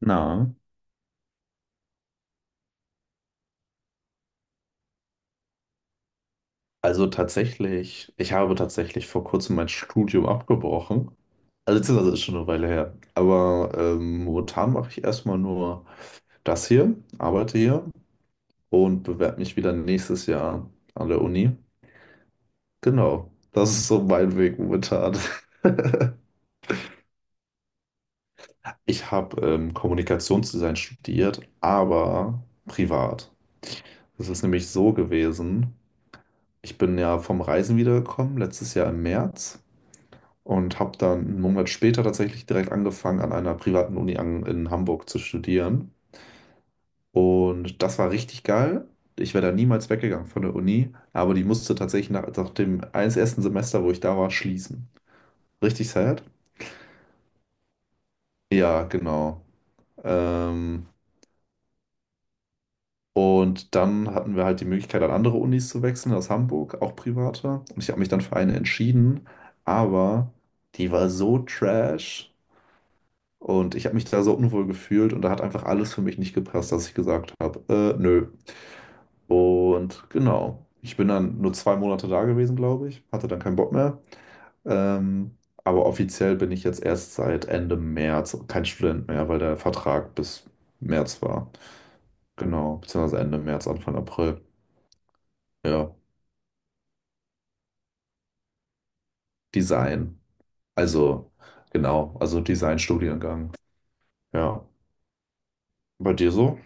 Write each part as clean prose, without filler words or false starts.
Na, also tatsächlich, ich habe tatsächlich vor kurzem mein Studium abgebrochen. Also beziehungsweise ist schon eine Weile her. Aber momentan mache ich erstmal nur das hier, arbeite hier und bewerbe mich wieder nächstes Jahr an der Uni. Genau, das ist so mein Weg momentan. Ich habe Kommunikationsdesign studiert, aber privat. Das ist nämlich so gewesen. Ich bin ja vom Reisen wiedergekommen, letztes Jahr im März, und habe dann einen Monat später tatsächlich direkt angefangen, an einer privaten Uni an, in Hamburg zu studieren. Und das war richtig geil. Ich wäre da niemals weggegangen von der Uni, aber die musste tatsächlich nach dem ersten Semester, wo ich da war, schließen. Richtig sad? Ja, genau. Ähm, und dann hatten wir halt die Möglichkeit, an andere Unis zu wechseln, aus Hamburg, auch private. Und ich habe mich dann für eine entschieden, aber die war so trash. Und ich habe mich da so unwohl gefühlt und da hat einfach alles für mich nicht gepasst, dass ich gesagt habe, nö. Und genau. Ich bin dann nur zwei Monate da gewesen, glaube ich. Hatte dann keinen Bock mehr. Ähm, aber offiziell bin ich jetzt erst seit Ende März kein Student mehr, weil der Vertrag bis März war. Genau. Beziehungsweise Ende März, Anfang April. Ja. Design. Also, genau. Also Design-Studiengang. Ja. Bei dir so?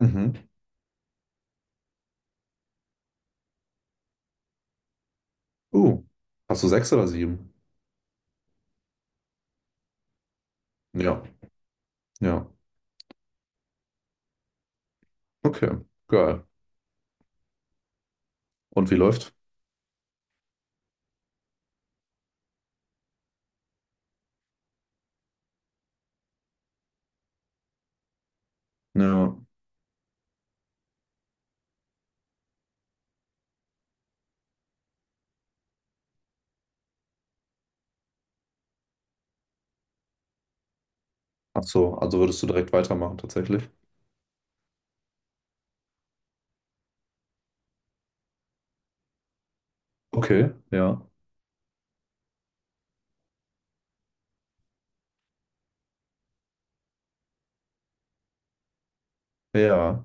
Mhm. Uh. Hast du sechs oder sieben? Ja. Ja. Okay, geil. Und wie läuft? Ja. Ach so, also würdest du direkt weitermachen tatsächlich? Okay, ja. Ja,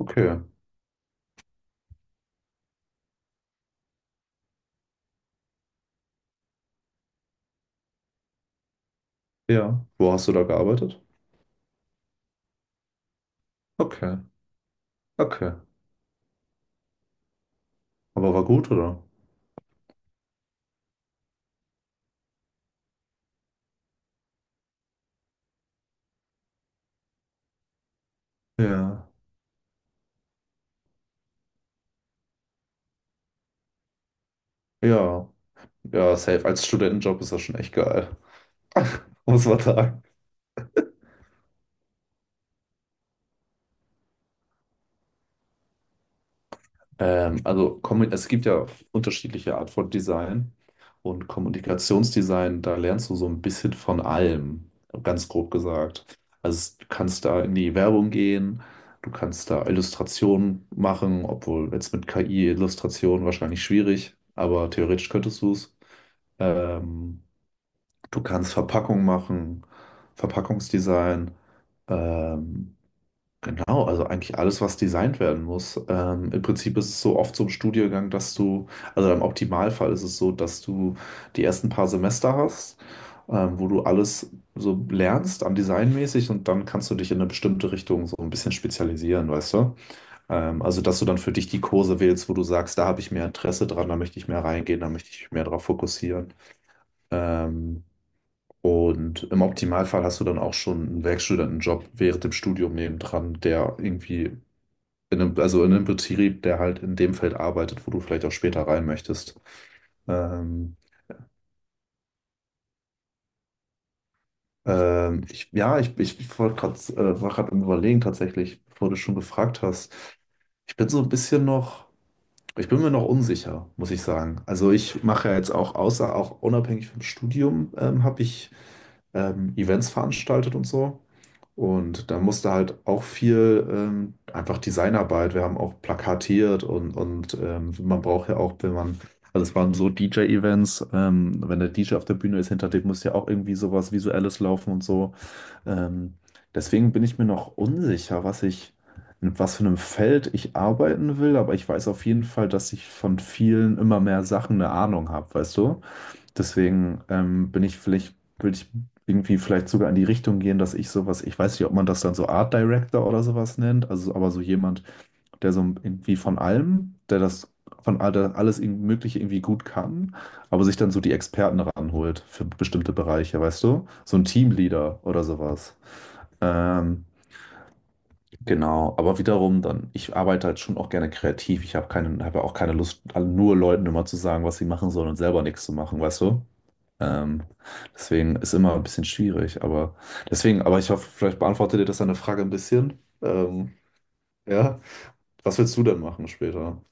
okay. Ja. Wo hast du da gearbeitet? Okay, okay. Aber war gut, oder? Ja. Ja. Ja, safe. Als Studentenjob ist das schon echt geil. Muss man sagen. Also es gibt ja unterschiedliche Art von Design und Kommunikationsdesign, da lernst du so ein bisschen von allem, ganz grob gesagt. Also du kannst da in die Werbung gehen, du kannst da Illustrationen machen, obwohl jetzt mit KI Illustrationen wahrscheinlich schwierig, aber theoretisch könntest du es. Ähm, du kannst Verpackung machen, Verpackungsdesign. Ähm, Oh, also eigentlich alles, was designt werden muss. Im Prinzip ist es so oft so im Studiengang, dass du, also im Optimalfall ist es so, dass du die ersten paar Semester hast, wo du alles so lernst an designmäßig und dann kannst du dich in eine bestimmte Richtung so ein bisschen spezialisieren, weißt du? Also, dass du dann für dich die Kurse wählst, wo du sagst, da habe ich mehr Interesse dran, da möchte ich mehr reingehen, da möchte ich mich mehr darauf fokussieren. Ähm, und im Optimalfall hast du dann auch schon einen Werkstudentenjob während dem Studium nebendran, der irgendwie in einem, also in einem Betrieb, der halt in dem Feld arbeitet, wo du vielleicht auch später rein möchtest. Ähm, ich wollte gerade war gerade am Überlegen tatsächlich, bevor du schon gefragt hast. Ich bin so ein bisschen noch, ich bin mir noch unsicher, muss ich sagen. Also ich mache ja jetzt auch, außer auch unabhängig vom Studium, habe ich Events veranstaltet und so. Und da musste halt auch viel einfach Designarbeit. Wir haben auch plakatiert und man braucht ja auch, wenn man, also es waren so DJ-Events, wenn der DJ auf der Bühne ist, hinter dem muss ja auch irgendwie sowas Visuelles laufen und so. Ähm, Deswegen bin ich mir noch unsicher, was ich, in was für einem Feld ich arbeiten will, aber ich weiß auf jeden Fall, dass ich von vielen immer mehr Sachen eine Ahnung habe, weißt du? Deswegen bin ich vielleicht, würde ich irgendwie vielleicht sogar in die Richtung gehen, dass ich sowas, ich weiß nicht, ob man das dann so Art Director oder sowas nennt, also aber so jemand, der so irgendwie von allem, der das der alles irgendwie Mögliche irgendwie gut kann, aber sich dann so die Experten ranholt für bestimmte Bereiche, weißt du? So ein Teamleader oder sowas. Ähm, genau, aber wiederum dann, ich arbeite halt schon auch gerne kreativ. Ich habe keine, habe auch keine Lust, nur Leuten immer zu sagen, was sie machen sollen und selber nichts zu machen, weißt du? Ähm, Deswegen ist immer ein bisschen schwierig, aber deswegen, aber ich hoffe, vielleicht beantwortet ihr das deine Frage ein bisschen. Ja, was willst du denn machen später?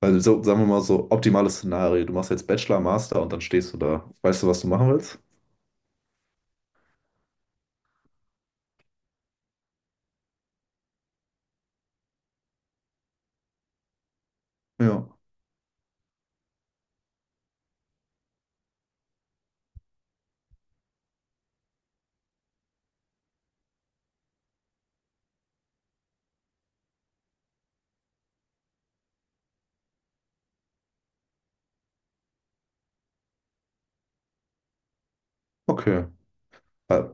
Weil so, sagen wir mal so, optimales Szenario, du machst jetzt Bachelor, Master und dann stehst du da. Weißt du, was du machen willst? Ja, okay. Ja,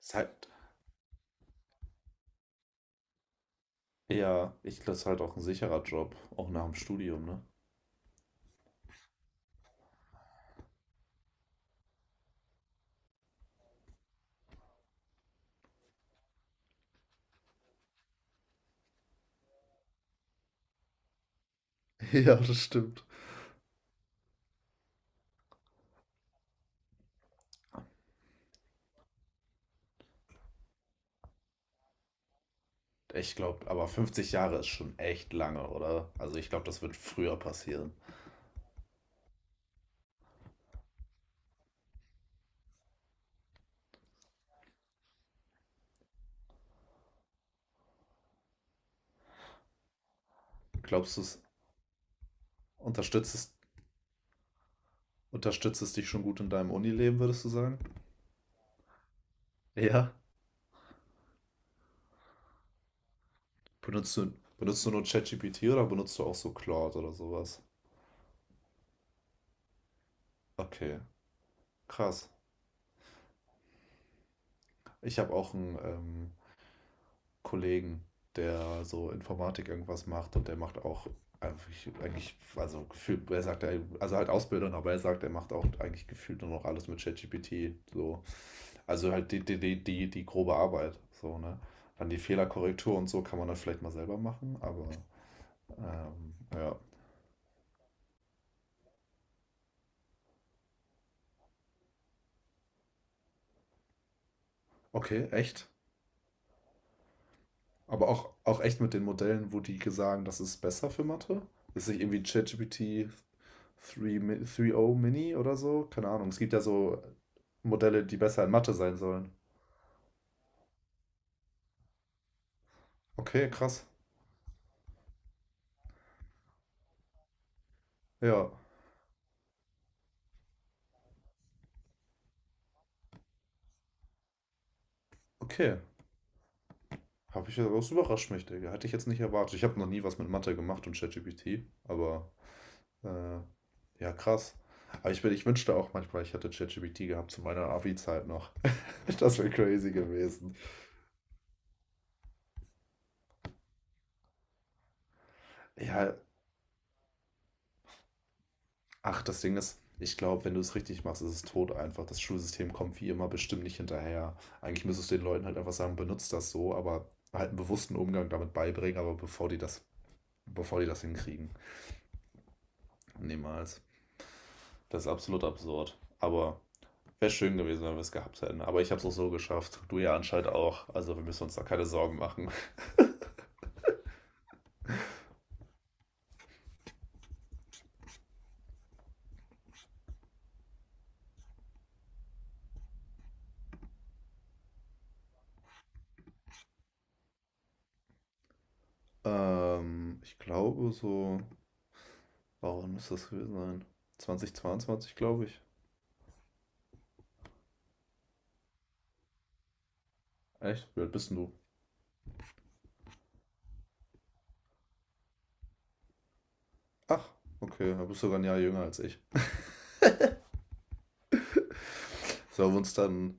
ist halt, ja, ich glaube, es ist halt auch ein sicherer Job, auch nach dem Studium, ne? Ja, stimmt. Ich glaube, aber 50 Jahre ist schon echt lange, oder? Also ich glaube, das wird früher passieren. Glaubst du es, unterstützt es Unterstützt es dich schon gut in deinem Unileben, würdest du sagen? Ja. Benutzt du, benutzt du nur ChatGPT oder benutzt du auch so Claude oder sowas? Okay, krass. Ich habe auch einen Kollegen, der so Informatik irgendwas macht und der macht auch eigentlich, also gefühlt, er sagt, also halt Ausbildung, aber er sagt, er macht auch eigentlich gefühlt nur noch alles mit ChatGPT. So. Also halt die grobe Arbeit. So, ne? Dann die Fehlerkorrektur und so kann man dann vielleicht mal selber machen, aber ja. Okay, echt? Aber auch echt mit den Modellen, wo die sagen, das ist besser für Mathe? Ist nicht irgendwie ChatGPT 3, 3.0 Mini oder so? Keine Ahnung. Es gibt ja so Modelle, die besser in Mathe sein sollen. Okay, krass. Ja, okay. Habe ich, das überrascht mich, Digga. Hätte ich jetzt nicht erwartet. Ich habe noch nie was mit Mathe gemacht und ChatGPT, aber äh, ja, krass. Aber ich wünschte auch manchmal, ich hätte ChatGPT gehabt zu meiner Abi-Zeit noch. Das wäre crazy gewesen. Ja, ach, das Ding ist, ich glaube, wenn du es richtig machst, ist es tot einfach. Das Schulsystem kommt wie immer bestimmt nicht hinterher. Eigentlich müsstest du den Leuten halt einfach sagen, benutzt das so, aber halt einen bewussten Umgang damit beibringen, aber bevor die das hinkriegen. Niemals. Das ist absolut absurd. Aber wäre schön gewesen, wenn wir es gehabt hätten. Aber ich habe es auch so geschafft. Du ja anscheinend auch. Also wir müssen uns da keine Sorgen machen. Ich glaube so, warum muss das gewesen sein? 2022, glaube ich. Echt? Wie alt bist denn du? Ach, okay, du bist sogar ein Jahr jünger als ich. Sollen wir uns dann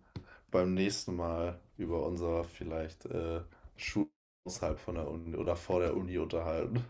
beim nächsten Mal über unser vielleicht Schul außerhalb von der Uni oder vor der Uni unterhalten?